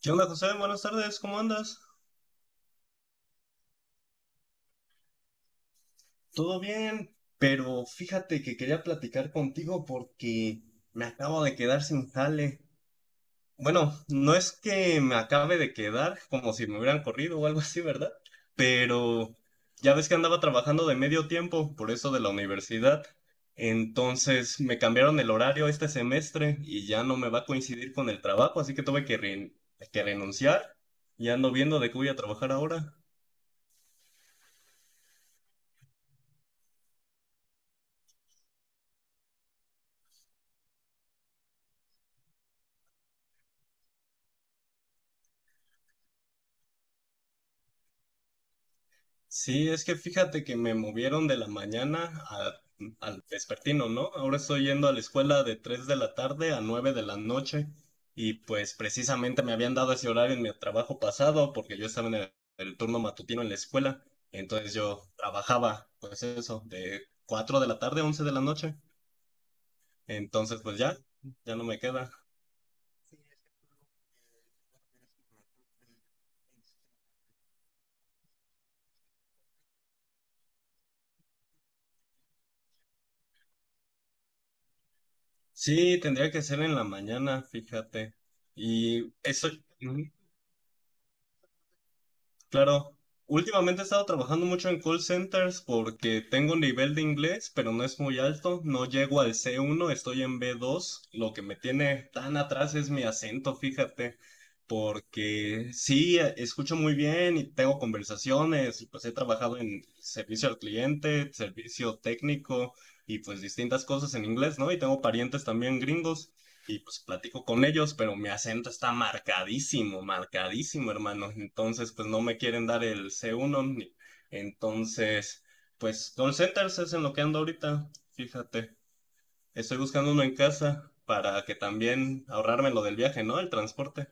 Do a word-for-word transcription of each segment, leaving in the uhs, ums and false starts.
¿Qué onda, José? Buenas tardes, ¿cómo andas? Todo bien, pero fíjate que quería platicar contigo porque me acabo de quedar sin jale. Bueno, no es que me acabe de quedar como si me hubieran corrido o algo así, ¿verdad? Pero ya ves que andaba trabajando de medio tiempo por eso de la universidad. Entonces me cambiaron el horario este semestre y ya no me va a coincidir con el trabajo, así que tuve que, ren- que renunciar y ando viendo de qué voy a trabajar ahora. Sí, es que fíjate que me movieron de la mañana a- al vespertino, ¿no? Ahora estoy yendo a la escuela de tres de la tarde a nueve de la noche y pues precisamente me habían dado ese horario en mi trabajo pasado porque yo estaba en el, el turno matutino en la escuela, entonces yo trabajaba pues eso, de cuatro de la tarde a once de la noche, entonces pues ya, ya no me queda. Sí, tendría que ser en la mañana, fíjate. Y eso, mm, claro, últimamente he estado trabajando mucho en call centers porque tengo un nivel de inglés, pero no es muy alto. No llego al c uno, estoy en b dos. Lo que me tiene tan atrás es mi acento, fíjate, porque sí, eh, escucho muy bien y tengo conversaciones. Y pues he trabajado en servicio al cliente, servicio técnico y pues distintas cosas en inglés, ¿no? Y tengo parientes también gringos y pues platico con ellos, pero mi acento está marcadísimo, marcadísimo, hermano. Entonces, pues no me quieren dar el C uno. ni- Entonces, pues call centers es en lo que ando ahorita, fíjate. Estoy buscando uno en casa para que también ahorrarme lo del viaje, ¿no? El transporte.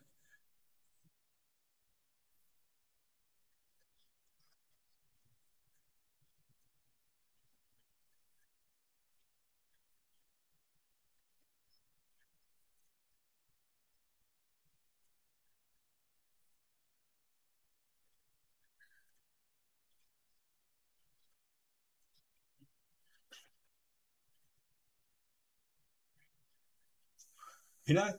Mira,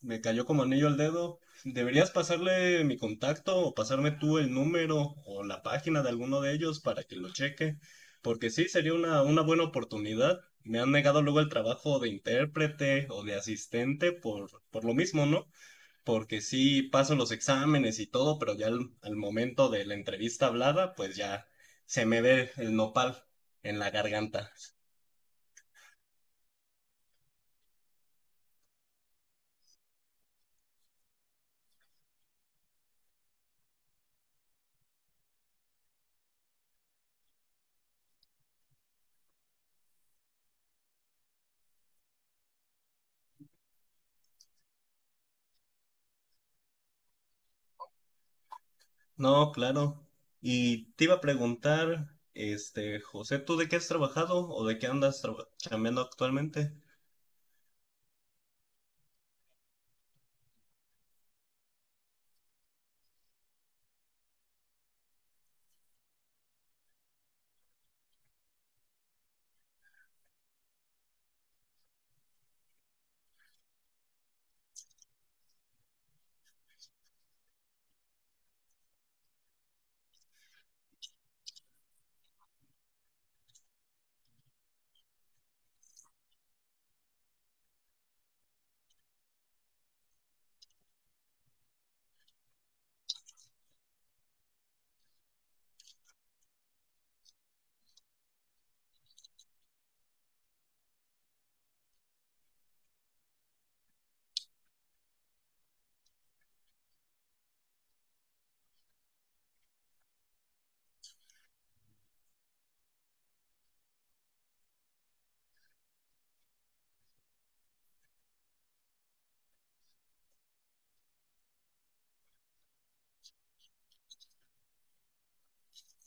me cayó como anillo al dedo. Deberías pasarle mi contacto o pasarme tú el número o la página de alguno de ellos para que lo cheque, porque sí, sería una, una buena oportunidad. Me han negado luego el trabajo de intérprete o de asistente por, por lo mismo, ¿no? Porque sí paso los exámenes y todo, pero ya al, al momento de la entrevista hablada, pues ya se me ve el nopal en la garganta. No, claro. Y te iba a preguntar, este, José, ¿tú de qué has trabajado o de qué andas traba- chambeando actualmente?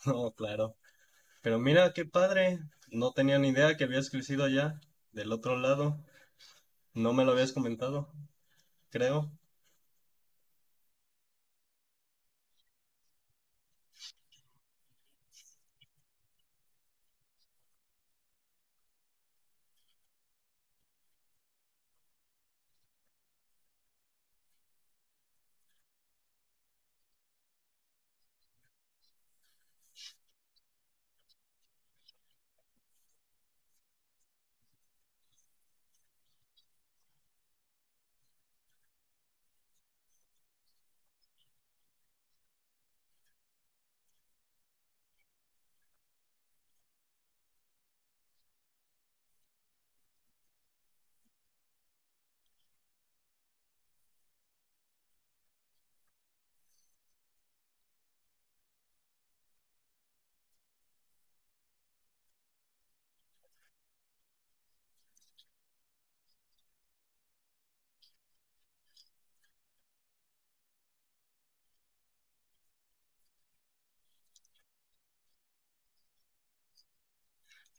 No, claro. Pero mira, qué padre. No tenía ni idea que habías crecido allá, del otro lado. No me lo habías comentado, creo.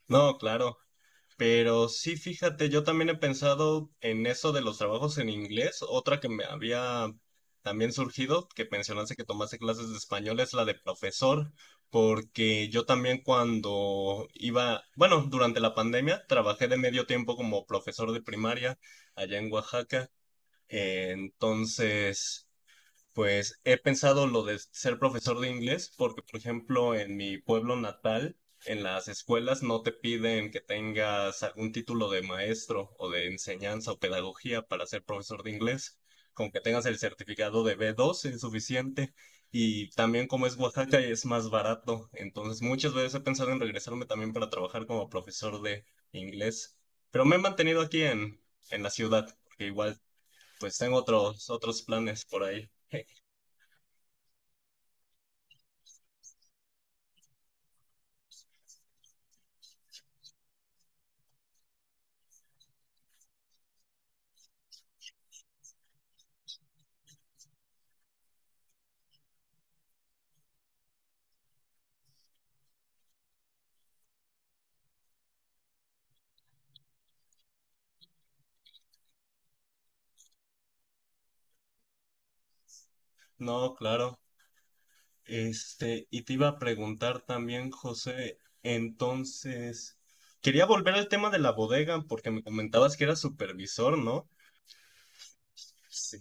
No, claro. Pero sí, fíjate, yo también he pensado en eso de los trabajos en inglés. Otra que me había también surgido, que mencionaste que tomaste clases de español, es la de profesor, porque yo también cuando iba, bueno, durante la pandemia trabajé de medio tiempo como profesor de primaria allá en Oaxaca. Eh, Entonces pues he pensado lo de ser profesor de inglés, porque por ejemplo en mi pueblo natal, en las escuelas no te piden que tengas algún título de maestro o de enseñanza o pedagogía para ser profesor de inglés. Con que tengas el certificado de B dos es suficiente. Y también como es Oaxaca es más barato. Entonces muchas veces he pensado en regresarme también para trabajar como profesor de inglés. Pero me he mantenido aquí en, en la ciudad, porque igual pues tengo otros, otros planes por ahí. No, claro. Este, y te iba a preguntar también, José, entonces, quería volver al tema de la bodega porque me comentabas que eras supervisor, ¿no? Sí.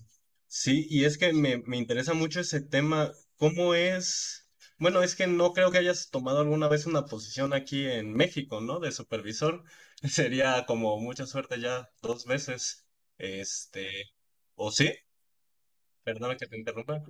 Sí, y es que me, me interesa mucho ese tema. ¿Cómo es? Bueno, es que no creo que hayas tomado alguna vez una posición aquí en México, ¿no? De supervisor. Sería como mucha suerte ya dos veces. Este, ¿o sí? Perdona que te interrumpa.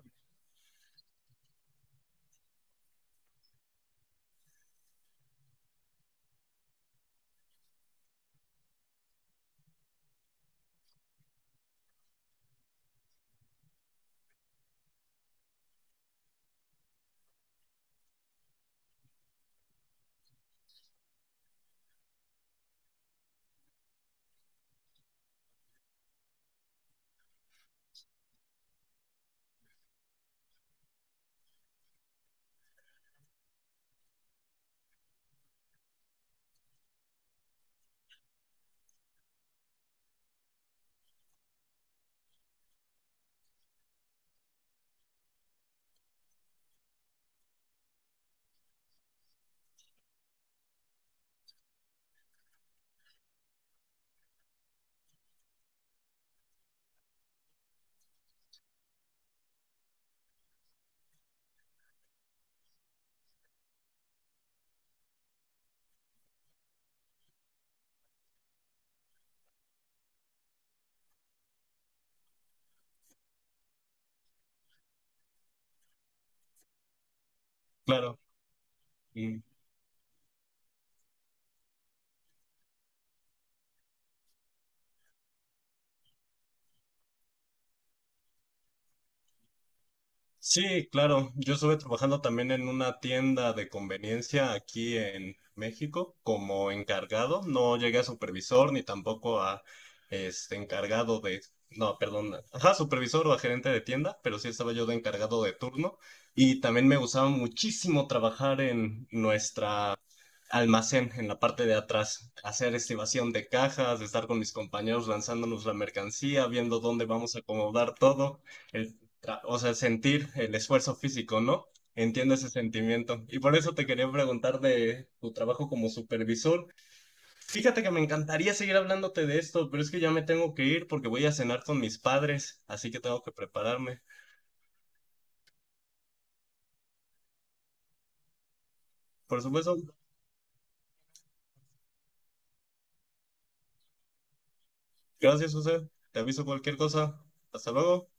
Claro. Mm. Sí, claro. Yo estuve trabajando también en una tienda de conveniencia aquí en México como encargado. No llegué a supervisor ni tampoco a este encargado de, no, perdón, ajá, supervisor o a gerente de tienda, pero sí estaba yo de encargado de turno y también me gustaba muchísimo trabajar en nuestra almacén en la parte de atrás, hacer estibación de cajas, estar con mis compañeros lanzándonos la mercancía, viendo dónde vamos a acomodar todo, el tra- o sea, sentir el esfuerzo físico, ¿no? Entiendo ese sentimiento. Y por eso te quería preguntar de tu trabajo como supervisor. Fíjate que me encantaría seguir hablándote de esto, pero es que ya me tengo que ir porque voy a cenar con mis padres, así que tengo que prepararme. Por supuesto, gracias, José. Te aviso cualquier cosa. Hasta luego.